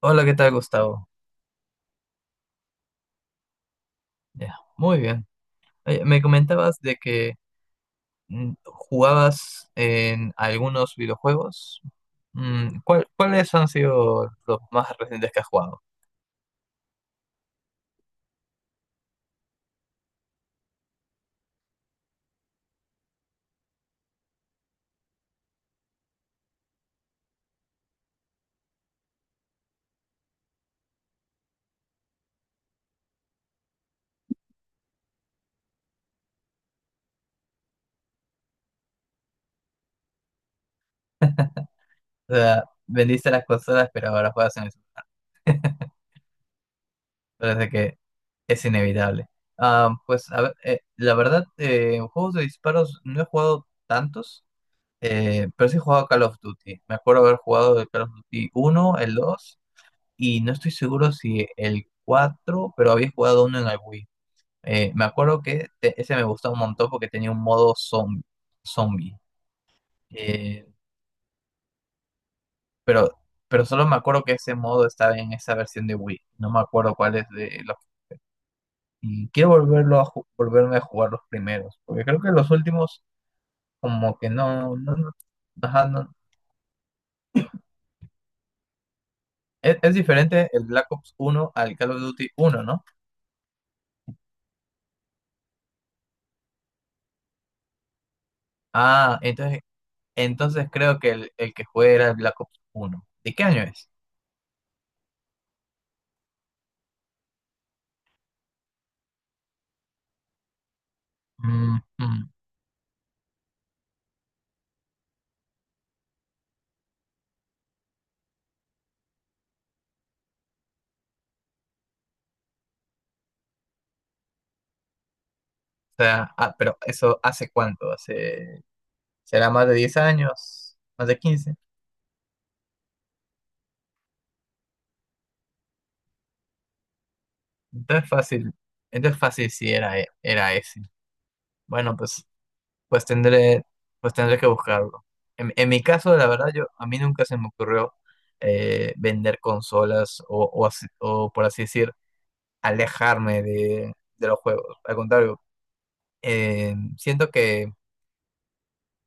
Hola, ¿qué tal, Gustavo? Ya, muy bien. Oye, me comentabas de que jugabas en algunos videojuegos. ¿Cuáles han sido los más recientes que has jugado? O sea, vendiste las consolas, pero ahora juegas en eso. Parece que es inevitable. Ah, pues, a ver, la verdad, en juegos de disparos no he jugado tantos, pero sí he jugado Call of Duty. Me acuerdo haber jugado el Call of Duty uno, el 2. Y no estoy seguro si el cuatro, pero había jugado uno en el Wii. Me acuerdo que ese me gustaba un montón porque tenía un modo zombie. Eh, pero, pero solo me acuerdo que ese modo estaba en esa versión de Wii. No me acuerdo cuál es de los… Y quiero volverlo a volverme a jugar los primeros, porque creo que los últimos como que no… Ajá, no. Es diferente el Black Ops uno al Call of Duty uno, ¿no? Ah, entonces creo que el que jugué era el Black Ops 1. ¿De qué año es? Mm, mm. O sea, pero eso, ¿hace cuánto? Hace, será más de 10 años, más de 15. Entonces fácil, entonces fácil si era, era ese. Bueno, pues tendré, pues tendré que buscarlo. En mi caso, la verdad, yo, a mí nunca se me ocurrió vender consolas, o, o, por así decir, alejarme de los juegos. Al contrario, siento que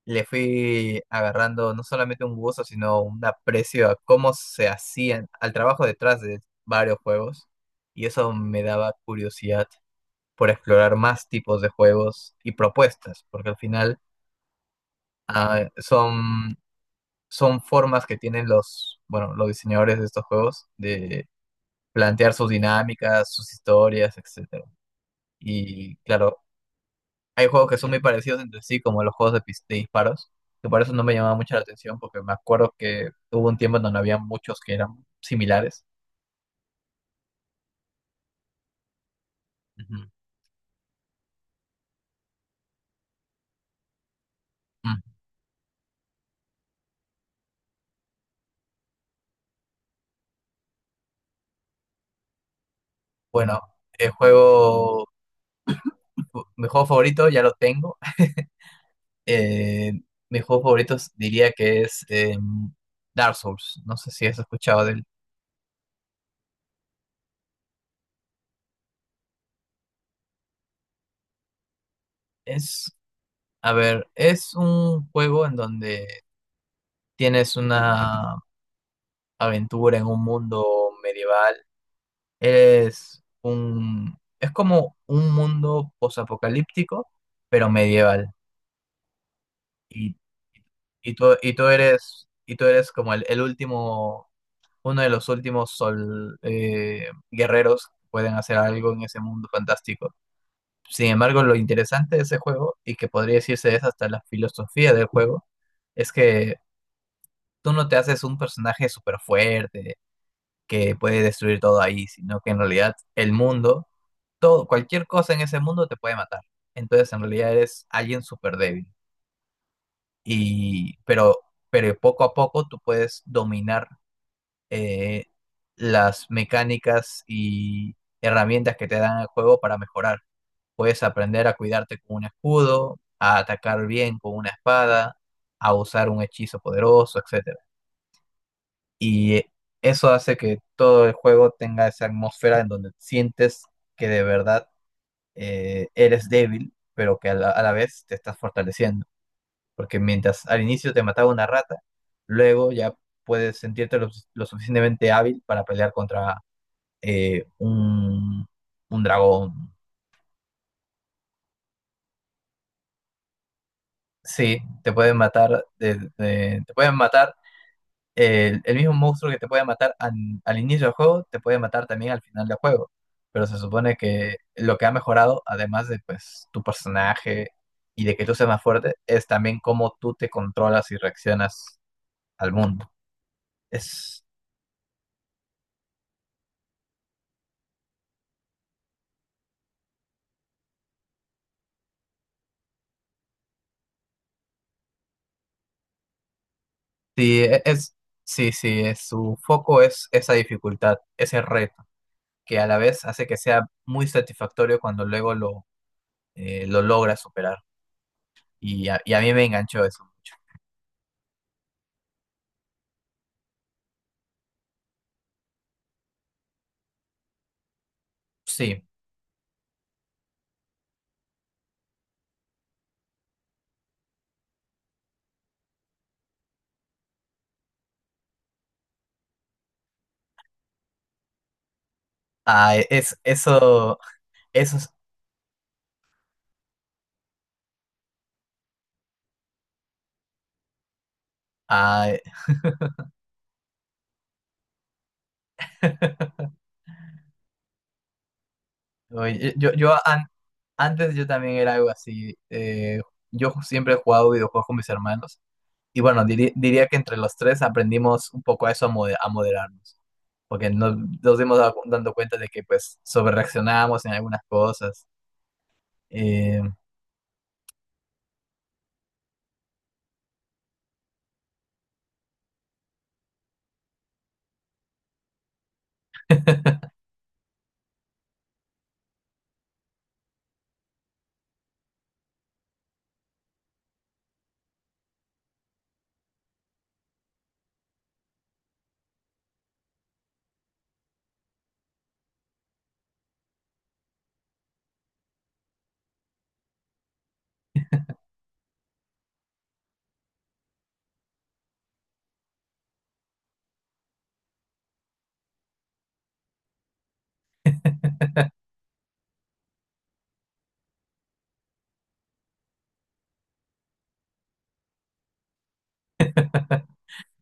le fui agarrando no solamente un gusto, sino un aprecio a cómo se hacían, al trabajo detrás de varios juegos. Y eso me daba curiosidad por explorar más tipos de juegos y propuestas, porque al final ah, son, son formas que tienen los, bueno, los diseñadores de estos juegos de plantear sus dinámicas, sus historias, etcétera. Y claro, hay juegos que son muy parecidos entre sí, como los juegos de disparos, que por eso no me llamaba mucho la atención, porque me acuerdo que hubo un tiempo en donde había muchos que eran similares. Ujú. Mm. Bueno, el juego, mi juego favorito ya lo tengo. Eh, mi juego favorito diría que es Dark Souls. No sé si has escuchado de él. Es, a ver, es un juego en donde tienes una aventura en un mundo medieval. Es como un mundo posapocalíptico, pero medieval. Y, y tú eres como el último, uno de los últimos guerreros que pueden hacer algo en ese mundo fantástico. Sin embargo, lo interesante de ese juego, y que podría decirse es hasta la filosofía del juego, es que tú no te haces un personaje súper fuerte que puede destruir todo ahí, sino que en realidad el mundo todo, cualquier cosa en ese mundo te puede matar. Entonces, en realidad eres alguien súper débil. Y, pero, pero poco a poco tú puedes dominar eh, las mecánicas y herramientas que te dan el juego para mejorar. Puedes aprender a cuidarte con un escudo, a atacar bien con una espada, a usar un hechizo poderoso, etcétera. Y eso hace que todo el juego tenga esa atmósfera en donde sientes que de verdad eres débil, pero que a la vez te estás fortaleciendo. Porque mientras al inicio te mataba una rata, luego ya puedes sentirte lo suficientemente hábil para pelear contra eh, un, un dragón. Sí, te pueden matar, te pueden matar el mismo monstruo que te puede matar al inicio del juego, te puede matar también al final del juego. Pero se supone que lo que ha mejorado, además de pues tu personaje y de que tú seas más fuerte, es también cómo tú te controlas y reaccionas al mundo. Es, sí, e- es, sí, sí, es, su foco es esa dificultad, ese reto, que a la vez hace que sea muy satisfactorio cuando luego lo logras superar. Y a mí me enganchó eso mucho. Sí. Ah, e, es, Eso es... Ay, oye, antes yo también era algo así. Yo siempre he jugado videojuegos con mis hermanos. Y bueno, diría que entre los tres aprendimos un poco a eso, a, a moderarnos. Porque nos dimos dando cuenta de que pues sobrereaccionábamos en algunas cosas. Eh,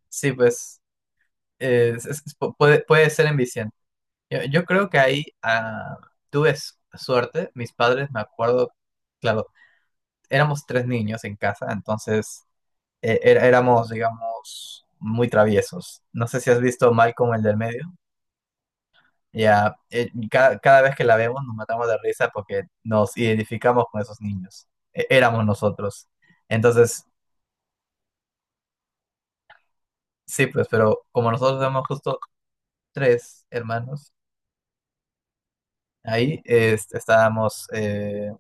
Sí, pues puede ser enviciante. Yo creo que ahí tuve suerte. Mis padres, me acuerdo, claro, éramos tres niños en casa, entonces éramos, digamos, muy traviesos. No sé si has visto Malcolm, el del medio. Ya, cada vez que la vemos nos matamos de risa porque nos identificamos con esos niños. Éramos nosotros. Entonces, sí, pues, pero como nosotros éramos justo tres hermanos, ahí eh, estábamos... eh,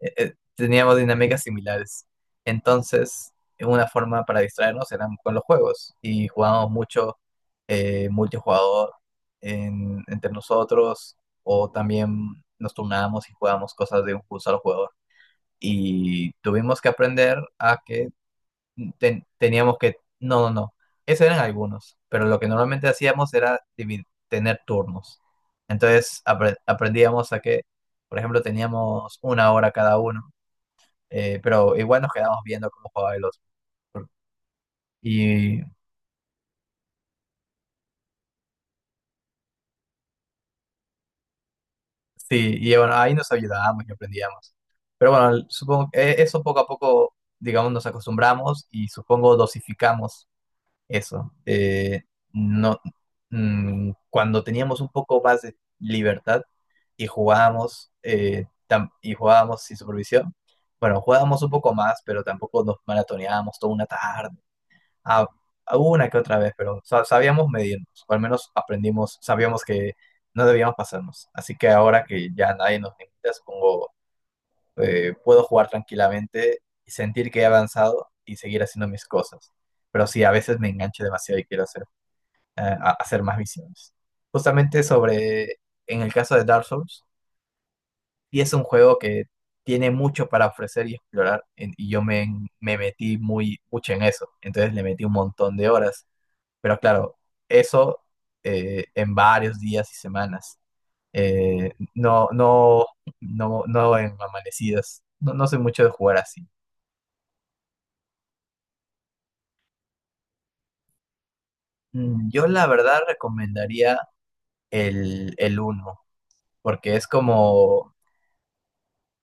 eh, eh, teníamos dinámicas similares. Entonces, una forma para distraernos era con los juegos y jugábamos mucho multijugador entre nosotros, o también nos turnábamos y jugábamos cosas de un solo jugador. Y tuvimos que aprender a que teníamos que… No, no, no. Esos eran algunos, pero lo que normalmente hacíamos era tener turnos. Entonces aprendíamos a que, por ejemplo, teníamos una hora cada uno, pero igual nos quedábamos viendo cómo jugaba el otro. Y sí, y bueno, ahí nos ayudábamos y aprendíamos. Pero bueno, supongo que eso poco a poco, digamos, nos acostumbramos y supongo dosificamos eso. No, mm, Cuando teníamos un poco más de libertad y jugábamos, y jugábamos sin supervisión, bueno, jugábamos un poco más, pero tampoco nos maratoneábamos toda una tarde. a, a una que otra vez, pero sabíamos medirnos, o al menos aprendimos, sabíamos que no debíamos pasarnos. Así que ahora que ya nadie nos limita, supongo, puedo jugar tranquilamente y sentir que he avanzado y seguir haciendo mis cosas. Pero sí, a veces me engancho demasiado y quiero hacer, hacer más visiones. Justamente sobre, en el caso de Dark Souls, y es un juego que tiene mucho para ofrecer y explorar, y yo me metí muy, mucho en eso. Entonces le metí un montón de horas, pero claro, eso en varios días y semanas. No, no, no, no en amanecidas. No, no soy mucho de jugar así. Yo la verdad recomendaría el uno porque es como,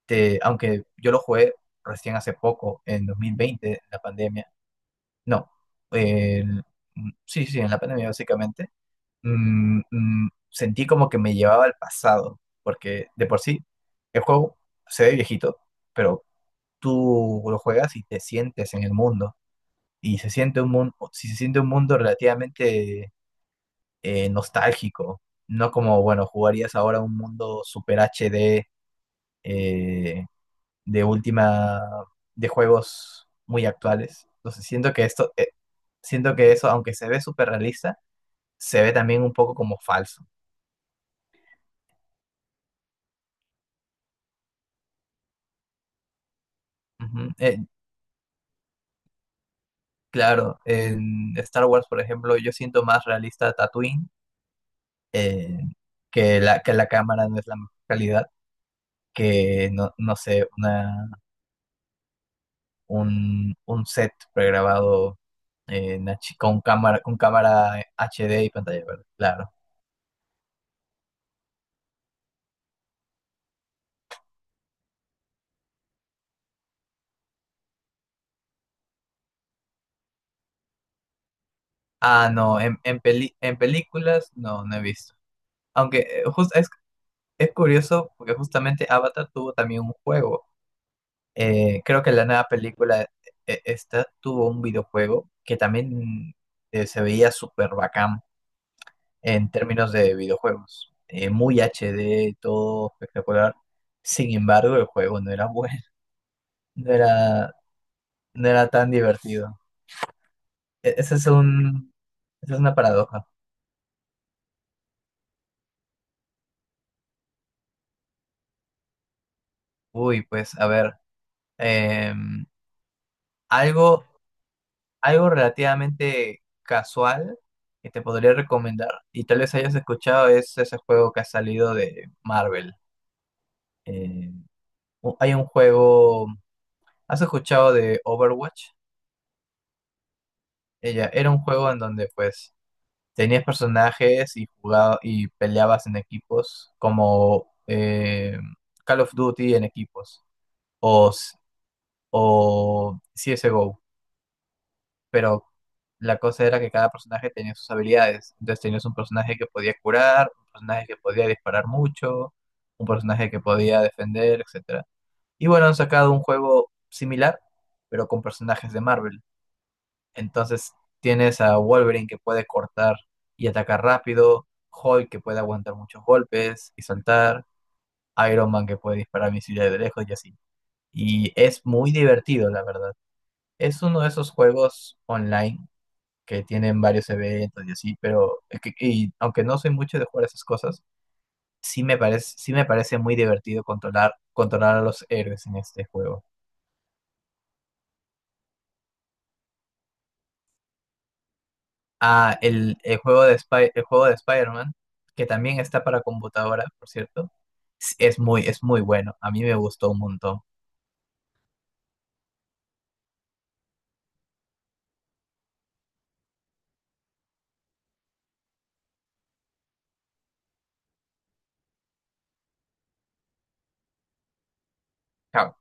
aunque yo lo jugué recién hace poco, en 2020, en la pandemia. No, el- sí, sí, en la pandemia básicamente. Sentí como que me llevaba al pasado, porque de por sí el juego se ve viejito, pero tú lo juegas y te sientes en el mundo, y se siente un mundo, si se siente un mundo relativamente nostálgico, no como, bueno, jugarías ahora un mundo super HD, eh, de última, de juegos muy actuales. Entonces siento que eso, aunque se ve super realista, se ve también un poco como falso. Ujú. Claro, en Star Wars, por ejemplo, yo siento más realista Tatooine, eh, que la, cámara no es la mejor calidad, que no, no sé, un set pregrabado, con cámara HD y pantalla verde, claro. Ah, no, en películas no he visto. Aunque es curioso porque justamente Avatar tuvo también un juego. Creo que la nueva película esta tuvo un videojuego que también se veía súper bacán en términos de videojuegos. Muy HD, todo espectacular. Sin embargo, el juego no era bueno, no era, no era tan divertido. E- ese es un, esa es una paradoja. Uy, pues a ver, em, algo relativamente casual que te podría recomendar, y tal vez hayas escuchado, es ese juego que ha salido de Marvel. Eh, hay un juego, ¿has escuchado de Overwatch? Ella era un juego en donde pues tenías personajes y y peleabas en equipos, como Call of Duty en equipos, o, o CSGO. Pero la cosa era que cada personaje tenía sus habilidades. Entonces tenías un personaje que podía curar, un personaje que podía disparar mucho, un personaje que podía defender, etcétera. Y bueno, han sacado un juego similar, pero con personajes de Marvel. Entonces tienes a Wolverine, que puede cortar y atacar rápido, Hulk, que puede aguantar muchos golpes y saltar, Iron Man, que puede disparar misiles de lejos, y así. Y es muy divertido, la verdad. Es uno de esos juegos online que tienen varios eventos y así, pero es que, y aunque no soy mucho de jugar esas cosas, sí me parece muy divertido controlar, controlar a los héroes en este juego. Ah, el juego de Spider-Man, que también está para computadora, por cierto, es muy bueno. A mí me gustó un montón. Ja,